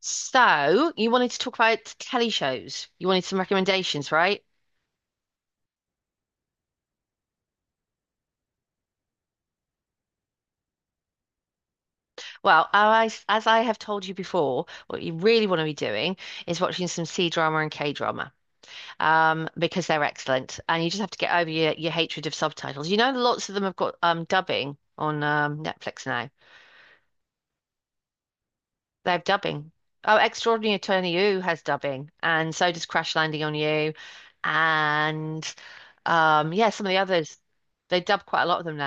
So, you wanted to talk about telly shows. You wanted some recommendations, right? Well, I, as I have told you before, what you really want to be doing is watching some C drama and K drama, because they're excellent, and you just have to get over your hatred of subtitles. You know, lots of them have got dubbing on Netflix now. They have dubbing. Oh, Extraordinary Attorney Woo has dubbing, and so does Crash Landing on You, and yeah, some of the others. They dub quite a lot of them.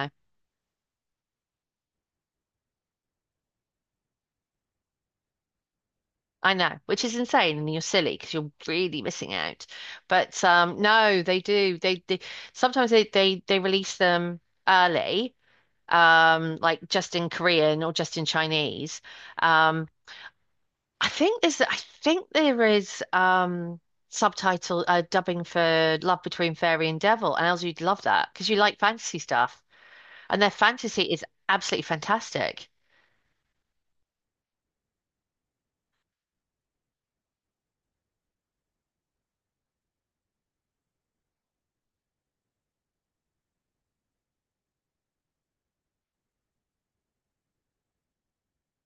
I know, which is insane, and you're silly because you're really missing out. But no, they do. They sometimes they release them early, like just in Korean or just in Chinese. Um, I think there's I think there is subtitle dubbing for Love Between Fairy and Devil, and Elsie, you'd love that because you like fantasy stuff, and their fantasy is absolutely fantastic.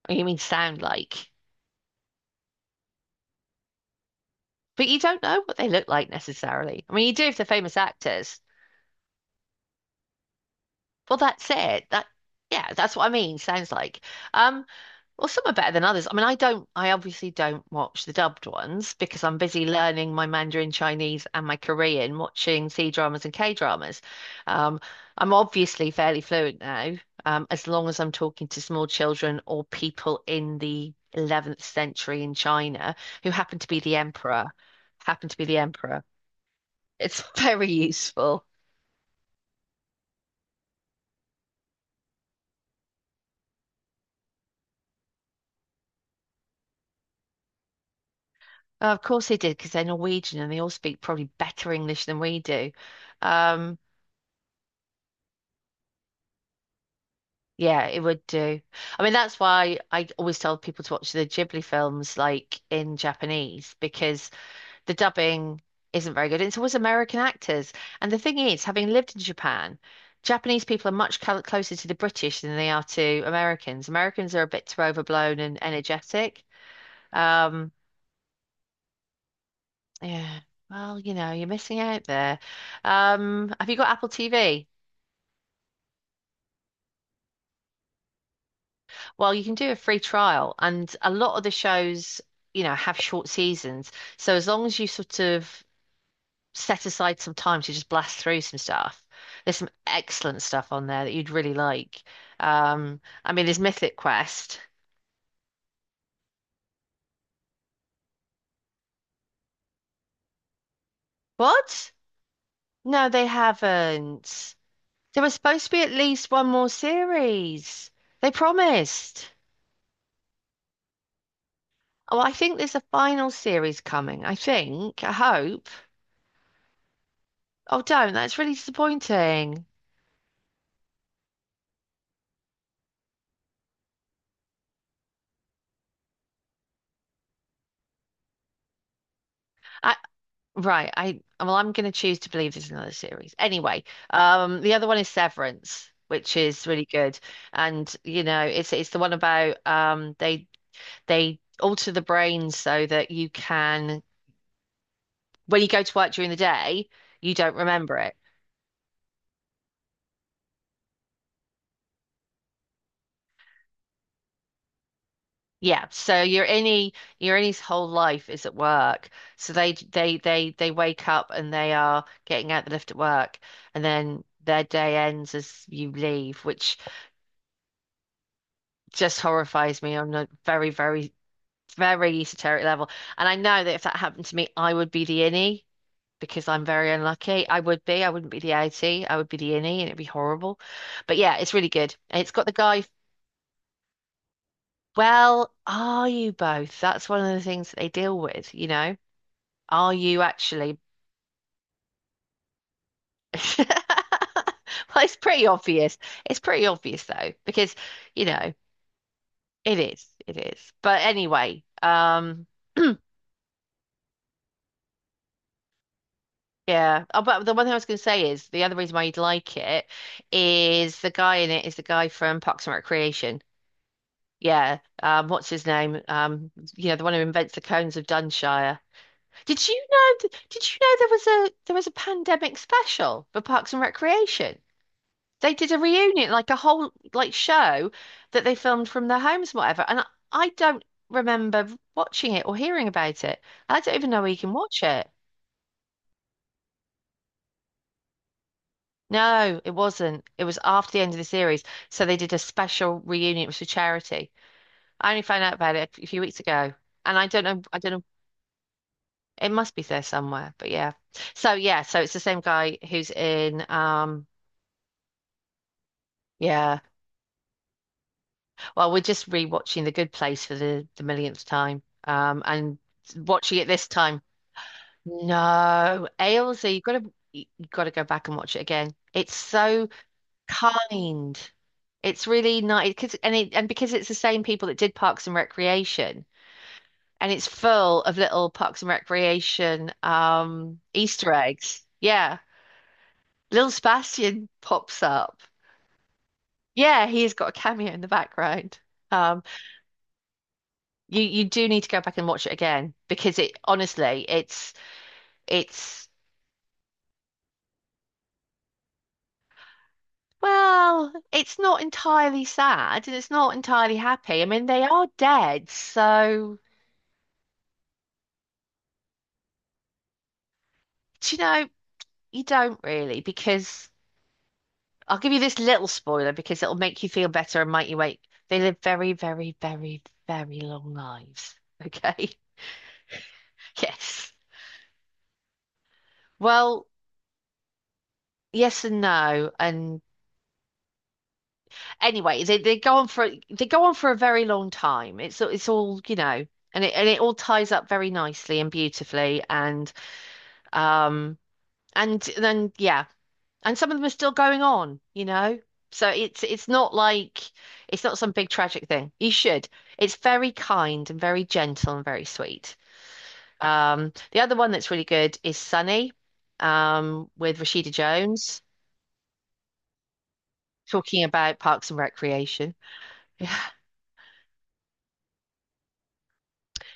You mean sound like? But you don't know what they look like necessarily. I mean, you do if they're famous actors. Well, that's it. That, yeah, that's what I mean. Sounds like. Um, well, some are better than others. I mean, I obviously don't watch the dubbed ones because I'm busy learning my Mandarin Chinese and my Korean, watching C dramas and K dramas. Um, I'm obviously fairly fluent now, as long as I'm talking to small children or people in the 11th century in China who happen to be the emperor, happen to be the emperor. It's very useful. Of course they did because they're Norwegian and they all speak probably better English than we do. Um, yeah, it would do. I mean, that's why I always tell people to watch the Ghibli films like in Japanese because the dubbing isn't very good. It's always American actors. And the thing is, having lived in Japan, Japanese people are much closer to the British than they are to Americans. Americans are a bit too overblown and energetic. Um, Yeah. Well, you know, you're missing out there. Have you got Apple TV? Well, you can do a free trial, and a lot of the shows, you know, have short seasons. So as long as you sort of set aside some time to just blast through some stuff, there's some excellent stuff on there that you'd really like. Um, I mean, there's Mythic Quest. What? No, they haven't. There was supposed to be at least one more series. They promised. Well, I think there's a final series coming. I think. I hope. Oh, don't. That's really disappointing. I right. I well, I'm going to choose to believe there's another series. Anyway, the other one is Severance, which is really good, and you know, it's the one about they alter the brain so that you can when you go to work during the day, you don't remember it. Yeah, so your any's whole life is at work. So they wake up and they are getting out the lift at work, and then their day ends as you leave, which just horrifies me on a very very very esoteric level. And I know that if that happened to me, I would be the innie because I'm very unlucky. I would be. I wouldn't be the outie. I would be the innie, and it'd be horrible. But yeah, it's really good. And it's got the guy. Well, are you both? That's one of the things that they deal with, you know. Are you actually? Well, it's pretty obvious. It's pretty obvious though, because you know it is. It is. But anyway, yeah. Oh, but the one thing I was going to say is the other reason why you'd like it is the guy in it is the guy from Parks and Recreation. Yeah. What's his name? You know, the one who invents the cones of Dunshire. Did you know? Did you know there was a pandemic special for Parks and Recreation? They did a reunion, like a whole like show that they filmed from their homes and whatever. And I don't remember watching it or hearing about it. I don't even know where you can watch it. No, it wasn't. It was after the end of the series. So they did a special reunion. It was for charity. I only found out about it a few weeks ago. And I don't know, I don't know. It must be there somewhere, but yeah. So yeah, so it's the same guy who's in yeah. Well, we're just rewatching The Good Place for the millionth time. And watching it this time. No, Ailsa, you've got to go back and watch it again. It's so kind. It's really nice because and it, and because it's the same people that did Parks and Recreation, and it's full of little Parks and Recreation Easter eggs. Yeah, little Sebastian pops up. Yeah, he's got a cameo in the background. Um. You do need to go back and watch it again because it honestly it's well, it's not entirely sad and it's not entirely happy. I mean they are dead, so do you know you don't really because I'll give you this little spoiler because it'll make you feel better and make you wait. They live very very very very long lives. Okay. Yes. Well, yes and no, and anyway, they go on for a very long time. It's all, you know, and it all ties up very nicely and beautifully um and then yeah. And some of them are still going on, you know. So it's not like it's not some big tragic thing. You should. It's very kind and very gentle and very sweet. The other one that's really good is Sunny, with Rashida Jones, talking about Parks and Recreation.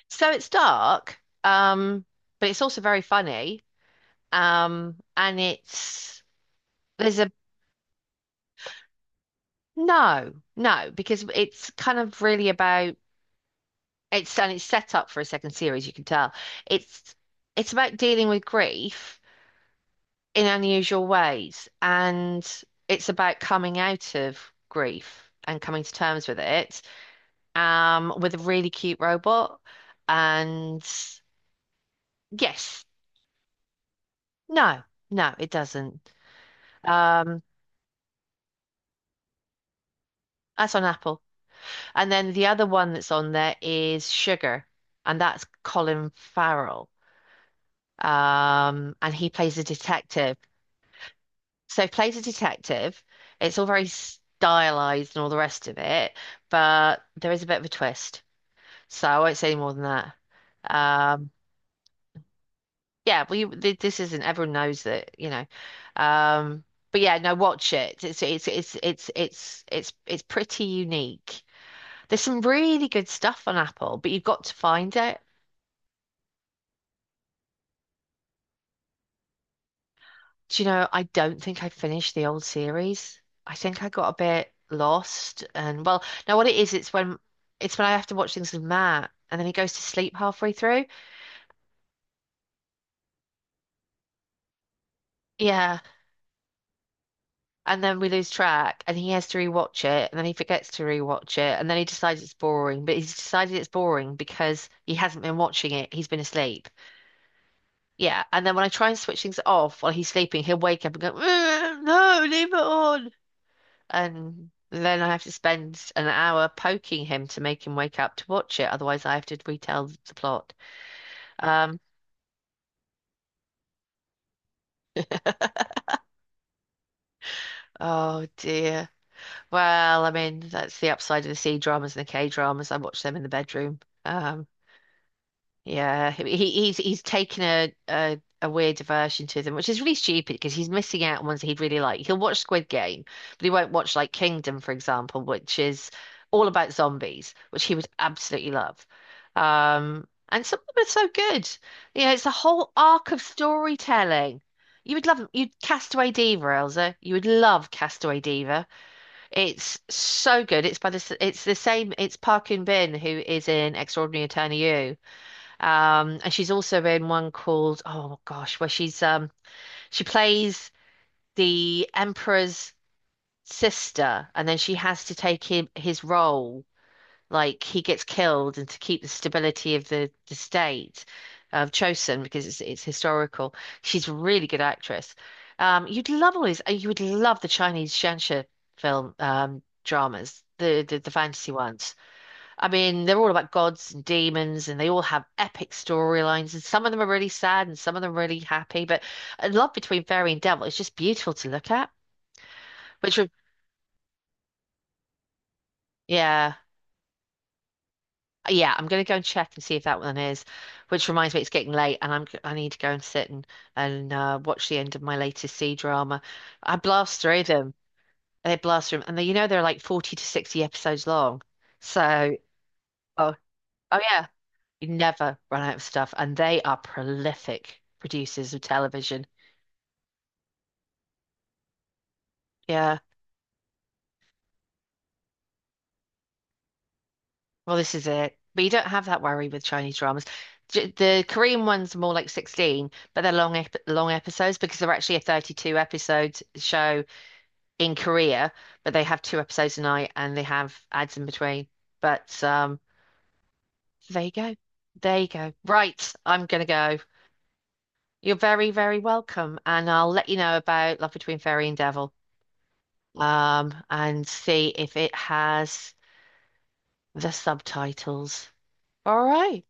So it's dark, but it's also very funny. And it's there's a no, no, because it's kind of really about it's set up for a second series, you can tell. It's it's about dealing with grief in unusual ways, and it's about coming out of grief and coming to terms with it, with a really cute robot. And yes, no, no, it doesn't. Um, That's on Apple. And then the other one that's on there is Sugar, and that's Colin Farrell. And he plays a detective. So he plays a detective. It's all very stylized and all the rest of it, but there is a bit of a twist. So I won't say more than that. Um, yeah, well, you, th this isn't. Everyone knows that, you know. Um, but yeah, no, watch it. It's pretty unique. There's some really good stuff on Apple, but you've got to find it. Do you know, I don't think I finished the old series. I think I got a bit lost and well, now what it is, it's when I have to watch things with Matt and then he goes to sleep halfway through. Yeah. And then we lose track and he has to rewatch it and then he forgets to rewatch it and then he decides it's boring, but he's decided it's boring because he hasn't been watching it. He's been asleep. Yeah, and then when I try and switch things off while he's sleeping, he'll wake up and go, "Mm, no, leave it on." And then I have to spend an hour poking him to make him wake up to watch it. Otherwise, I have to retell the plot. Um, oh dear. Well, I mean, that's the upside of the C dramas and the K dramas. I watch them in the bedroom. Um, Yeah, he's taken a weird diversion to them, which is really stupid because he's missing out on ones that he'd really like. He'll watch Squid Game, but he won't watch like Kingdom, for example, which is all about zombies, which he would absolutely love. And some of them are so good. You know, it's a whole arc of storytelling. You would love you'd Castaway Diva, Elsa. You would love Castaway Diva. It's so good. It's by the s- it's the same. It's Park Eun Bin who is in Extraordinary Attorney You. And she's also in one called, oh gosh, where she plays the emperor's sister, and then she has to take him his role, like he gets killed, and to keep the stability of the state of Chosen because it's historical. She's a really good actress. You'd love all these. You would love the Chinese Shanxia film dramas, the fantasy ones. I mean, they're all about gods and demons, and they all have epic storylines, and some of them are really sad and some of them are really happy. But love between fairy and devil is just beautiful to look at. Which, re- yeah, yeah, I'm going to go and check and see if that one is. Which reminds me, it's getting late, and I need to go and sit and watch the end of my latest C drama. I blast through them. They blast through them, and they, you know they're like 40 to 60 episodes long. So, oh, oh yeah. You never run out of stuff, and they are prolific producers of television. Yeah, well, this is it. But you don't have that worry with Chinese dramas. The Korean ones are more like 16, but they're long episodes because they're actually a 32 episode show in Korea, but they have two episodes a night and they have ads in between. But there you go. There you go. Right, I'm gonna go. You're very, very welcome, and I'll let you know about Love Between Fairy and Devil. And see if it has the subtitles. All right.